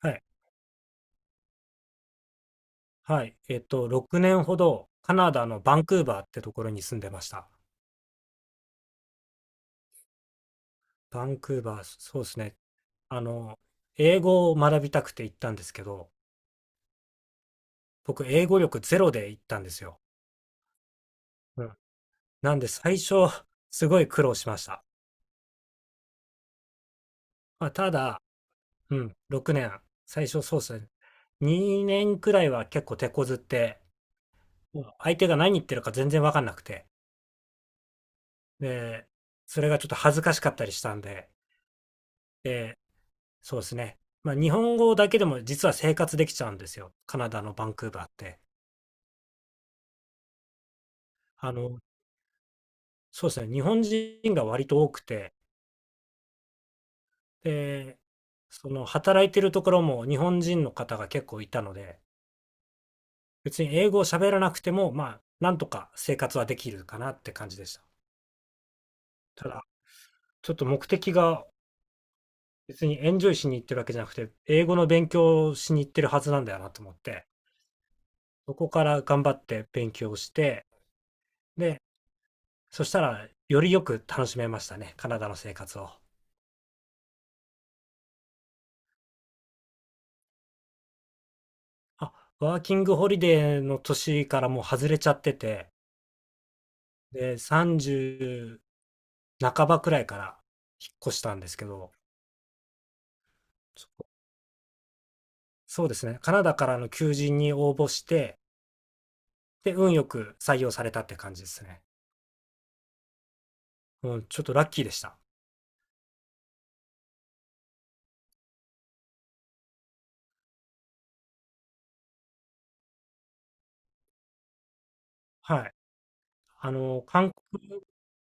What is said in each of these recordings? はい。はい。6年ほどカナダのバンクーバーってところに住んでました。バンクーバー、そうですね。あの、英語を学びたくて行ったんですけど、僕、英語力ゼロで行ったんですよ。うん。なんで、最初、すごい苦労しました。まあ、ただ、うん、6年、最初そうですね。2年くらいは結構手こずって、相手が何言ってるか全然わかんなくて、で、それがちょっと恥ずかしかったりしたんで、でそうですね。まあ、日本語だけでも実は生活できちゃうんですよ。カナダのバンクーバーって。あの、そうですね。日本人が割と多くて、で、その働いてるところも日本人の方が結構いたので、別に英語を喋らなくても、まあ、なんとか生活はできるかなって感じでした。ただ、ちょっと目的が別にエンジョイしに行ってるわけじゃなくて、英語の勉強をしに行ってるはずなんだよなと思って、そこから頑張って勉強して、で、そしたら、よりよく楽しめましたね、カナダの生活を。あ、ワーキングホリデーの年からもう外れちゃってて、で、30半ばくらいから引っ越したんですけど、そそうですね、カナダからの求人に応募して、で、運よく採用されたって感じですね。うん、ちょっとラッキーでした。はい。あの、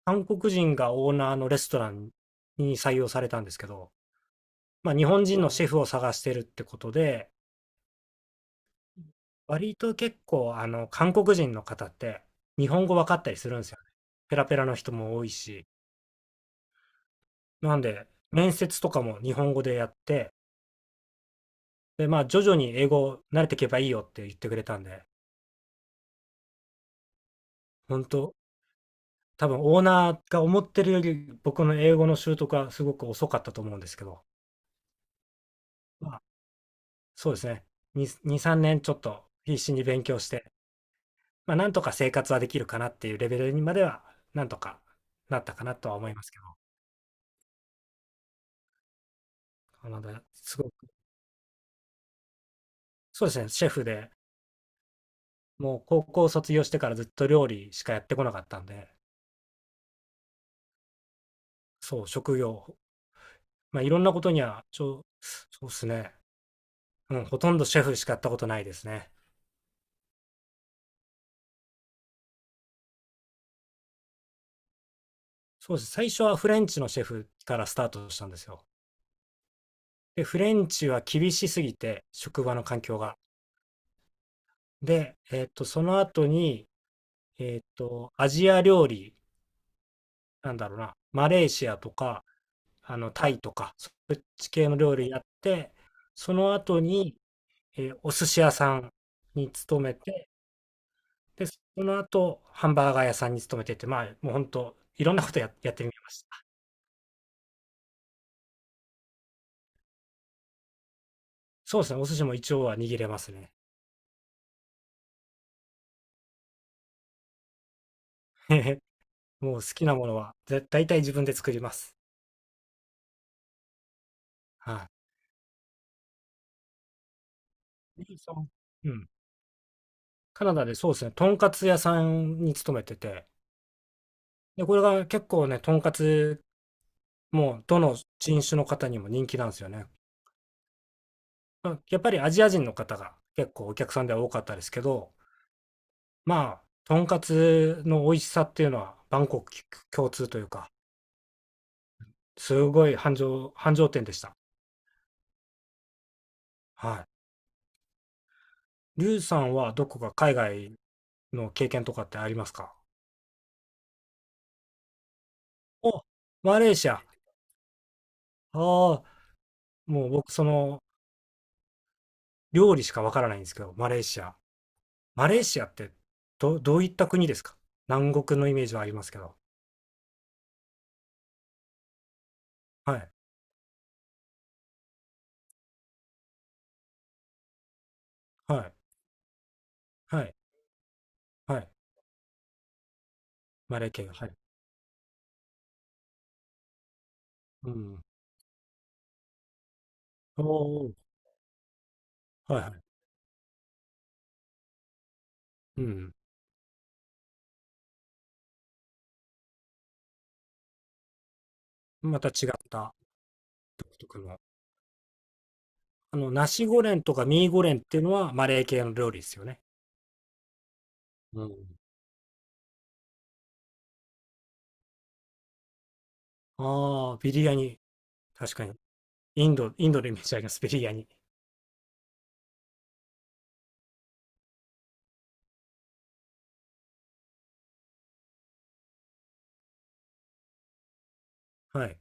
韓国人がオーナーのレストランに採用されたんですけど、まあ、日本人のシェフを探してるってことで、割と結構、あの、韓国人の方って日本語分かったりするんですよね。ペラペラの人も多いし。なんで、面接とかも日本語でやって、で、まあ、徐々に英語慣れていけばいいよって言ってくれたんで、本当多分オーナーが思ってるより僕の英語の習得はすごく遅かったと思うんですけど、まあ、そうですね。2、2、3年ちょっと必死に勉強して、まあ、なんとか生活はできるかなっていうレベルにまでは、なんとかなったかなとは思いますけど、なので、すごいそうですね、シェフで、もう高校卒業してからずっと料理しかやってこなかったんで、そう、職業、まあ、いろんなことには、そうですね、うん、ほとんどシェフしかやったことないですね。そうです。最初はフレンチのシェフからスタートしたんですよ。で、フレンチは厳しすぎて、職場の環境が。で、その後に、アジア料理、なんだろうな、マレーシアとか、あの、タイとか、ち系の料理やって、その後に、お寿司屋さんに勤めて、で、その後、ハンバーガー屋さんに勤めてて、まあ、もう本当、いろんなことや、やってみました。そうですね、お寿司も一応は握れますね。もう好きなものは、大体自分で作ります。はい。リーさんうん。カナダでそうですね、とんかつ屋さんに勤めてて、で、これが結構ね、とんかつ、もうどの人種の方にも人気なんですよね。まあやっぱりアジア人の方が結構お客さんでは多かったですけど、まあ、とんかつの美味しさっていうのは、万国共通というか、すごい繁盛、繁盛店でした。はい。リュウさんはどこか海外の経験とかってありますか？お、マレーシア。ああ、もう僕、その、料理しかわからないんですけど、マレーシア。マレーシアって、どういった国ですか？南国のイメージはありますけど。はい、はい、はい、はい。マレー系が、はい。うん。おー、はい、はい。うん。また違った独特の。あの、ナシゴレンとかミーゴレンっていうのはマレー系の料理ですよね。うん。ああ、ビリヤニ。確かに。インドのイメージあります、ビリヤニ。はい。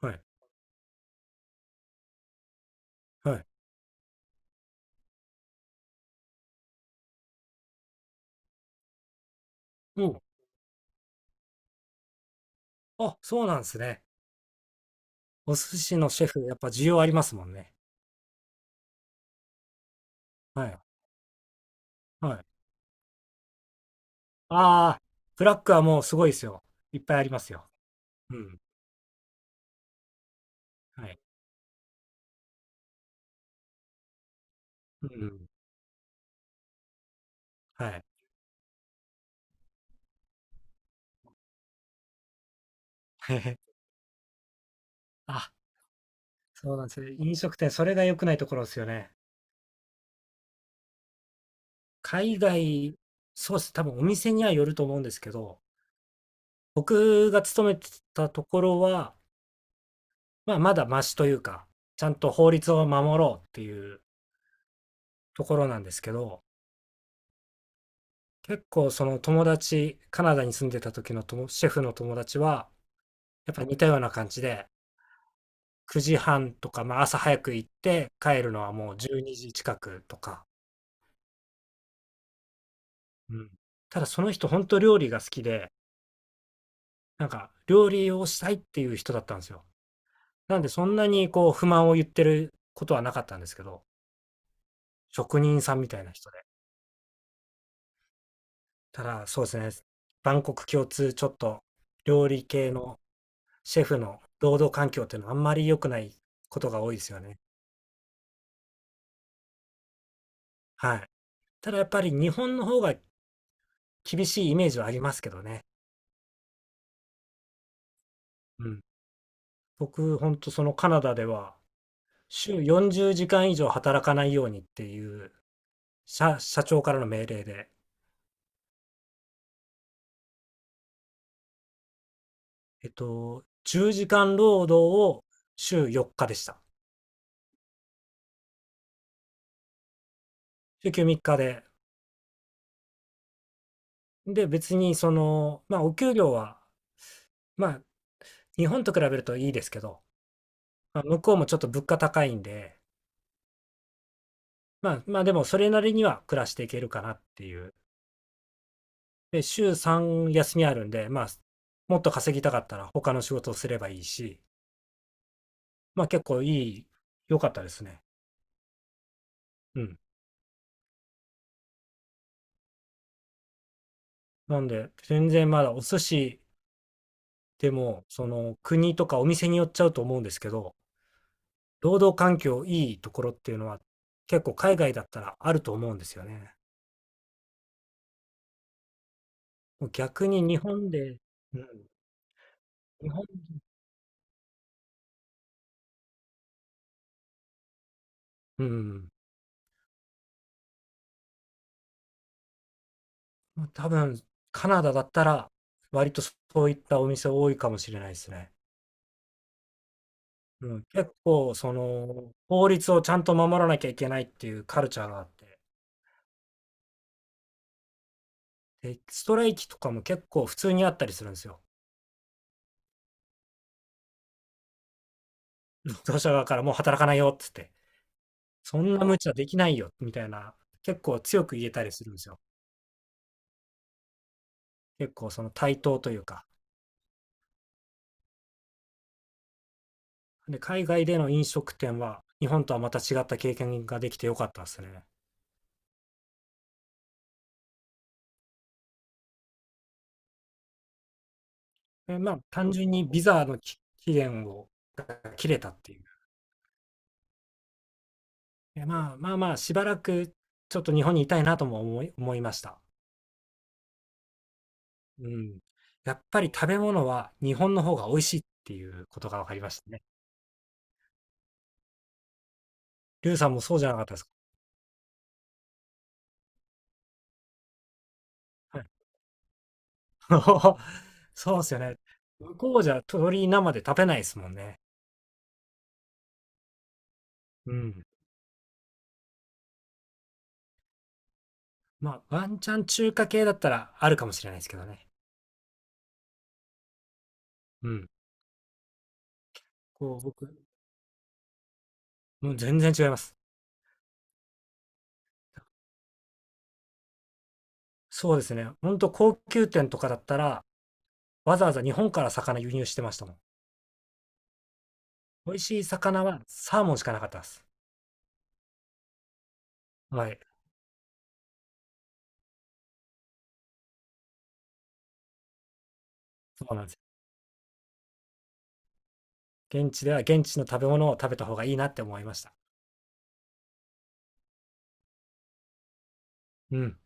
はい。はい。うん。あ、そうなんですね。お寿司のシェフ、やっぱ需要ありますもんね。はい。はい。ああ、ブラックはもうすごいですよ。いっぱいありますよ。うん。はい。うん。はい。あ、そうなんですね。飲食店、それが良くないところですよね。海外、そうです。多分お店にはよると思うんですけど、僕が勤めてたところは、まあ、まだマシというか、ちゃんと法律を守ろうっていうところなんですけど、結構その友達、カナダに住んでた時のともシェフの友達は、やっぱ似たような感じで、9時半とか、まあ、朝早く行って帰るのはもう12時近くとか、うん、ただその人本当料理が好きで、なんか料理をしたいっていう人だったんですよ。なんでそんなにこう不満を言ってることはなかったんですけど、職人さんみたいな人で。ただ、そうですね、万国共通、ちょっと料理系のシェフの労働環境っていうのはあんまり良くないことが多いですよね。はい。ただやっぱり日本の方が厳しいイメージはありますけどね。うん。僕、ほんとそのカナダでは、週40時間以上働かないようにっていう社長からの命令で、10時間労働を週4日でした。週休3日で。で、別にその、まあ、お給料は、まあ、日本と比べるといいですけど、まあ、向こうもちょっと物価高いんで、まあ、まあでもそれなりには暮らしていけるかなっていう。で、週3休みあるんで、まあ、もっと稼ぎたかったら他の仕事をすればいいし、まあ結構い、良かったですね。うん。なんで、全然まだお寿司でも、その国とかお店によっちゃうと思うんですけど、労働環境いいところっていうのは結構海外だったらあると思うんですよね。もう逆に日本で、うん、日本、うん。もう多分、カナダだったら、割とそういったお店多いかもしれないですね。うん、結構、その、法律をちゃんと守らなきゃいけないっていうカルチャーがあって、で、ストライキとかも結構普通にあったりするんですよ。労働者側からもう働かないよっつって、そんな無茶できないよみたいな、結構強く言えたりするんですよ。結構その対等というか。で、海外での飲食店は、日本とはまた違った経験ができてよかったですね。で、まあ、単純にビザの期限を切れたっていう。いや、まあまあまあ、しばらくちょっと日本にいたいなとも思いました。うん。やっぱり食べ物は日本の方が美味しいっていうことが分かりましたね。リュウさんもそうじゃなかったですか？はい。そうですよね。向こうじゃ鶏生で食べないですもんね。うん。まあ、ワンチャン中華系だったらあるかもしれないですけどね。うん。こう、僕、もう全然違います。そうですね。ほんと高級店とかだったら、わざわざ日本から魚輸入してましたもん。美味しい魚はサーモンしかなかったです。はい、そうなんですよ。現地では現地の食べ物を食べた方がいいなって思いました。うん。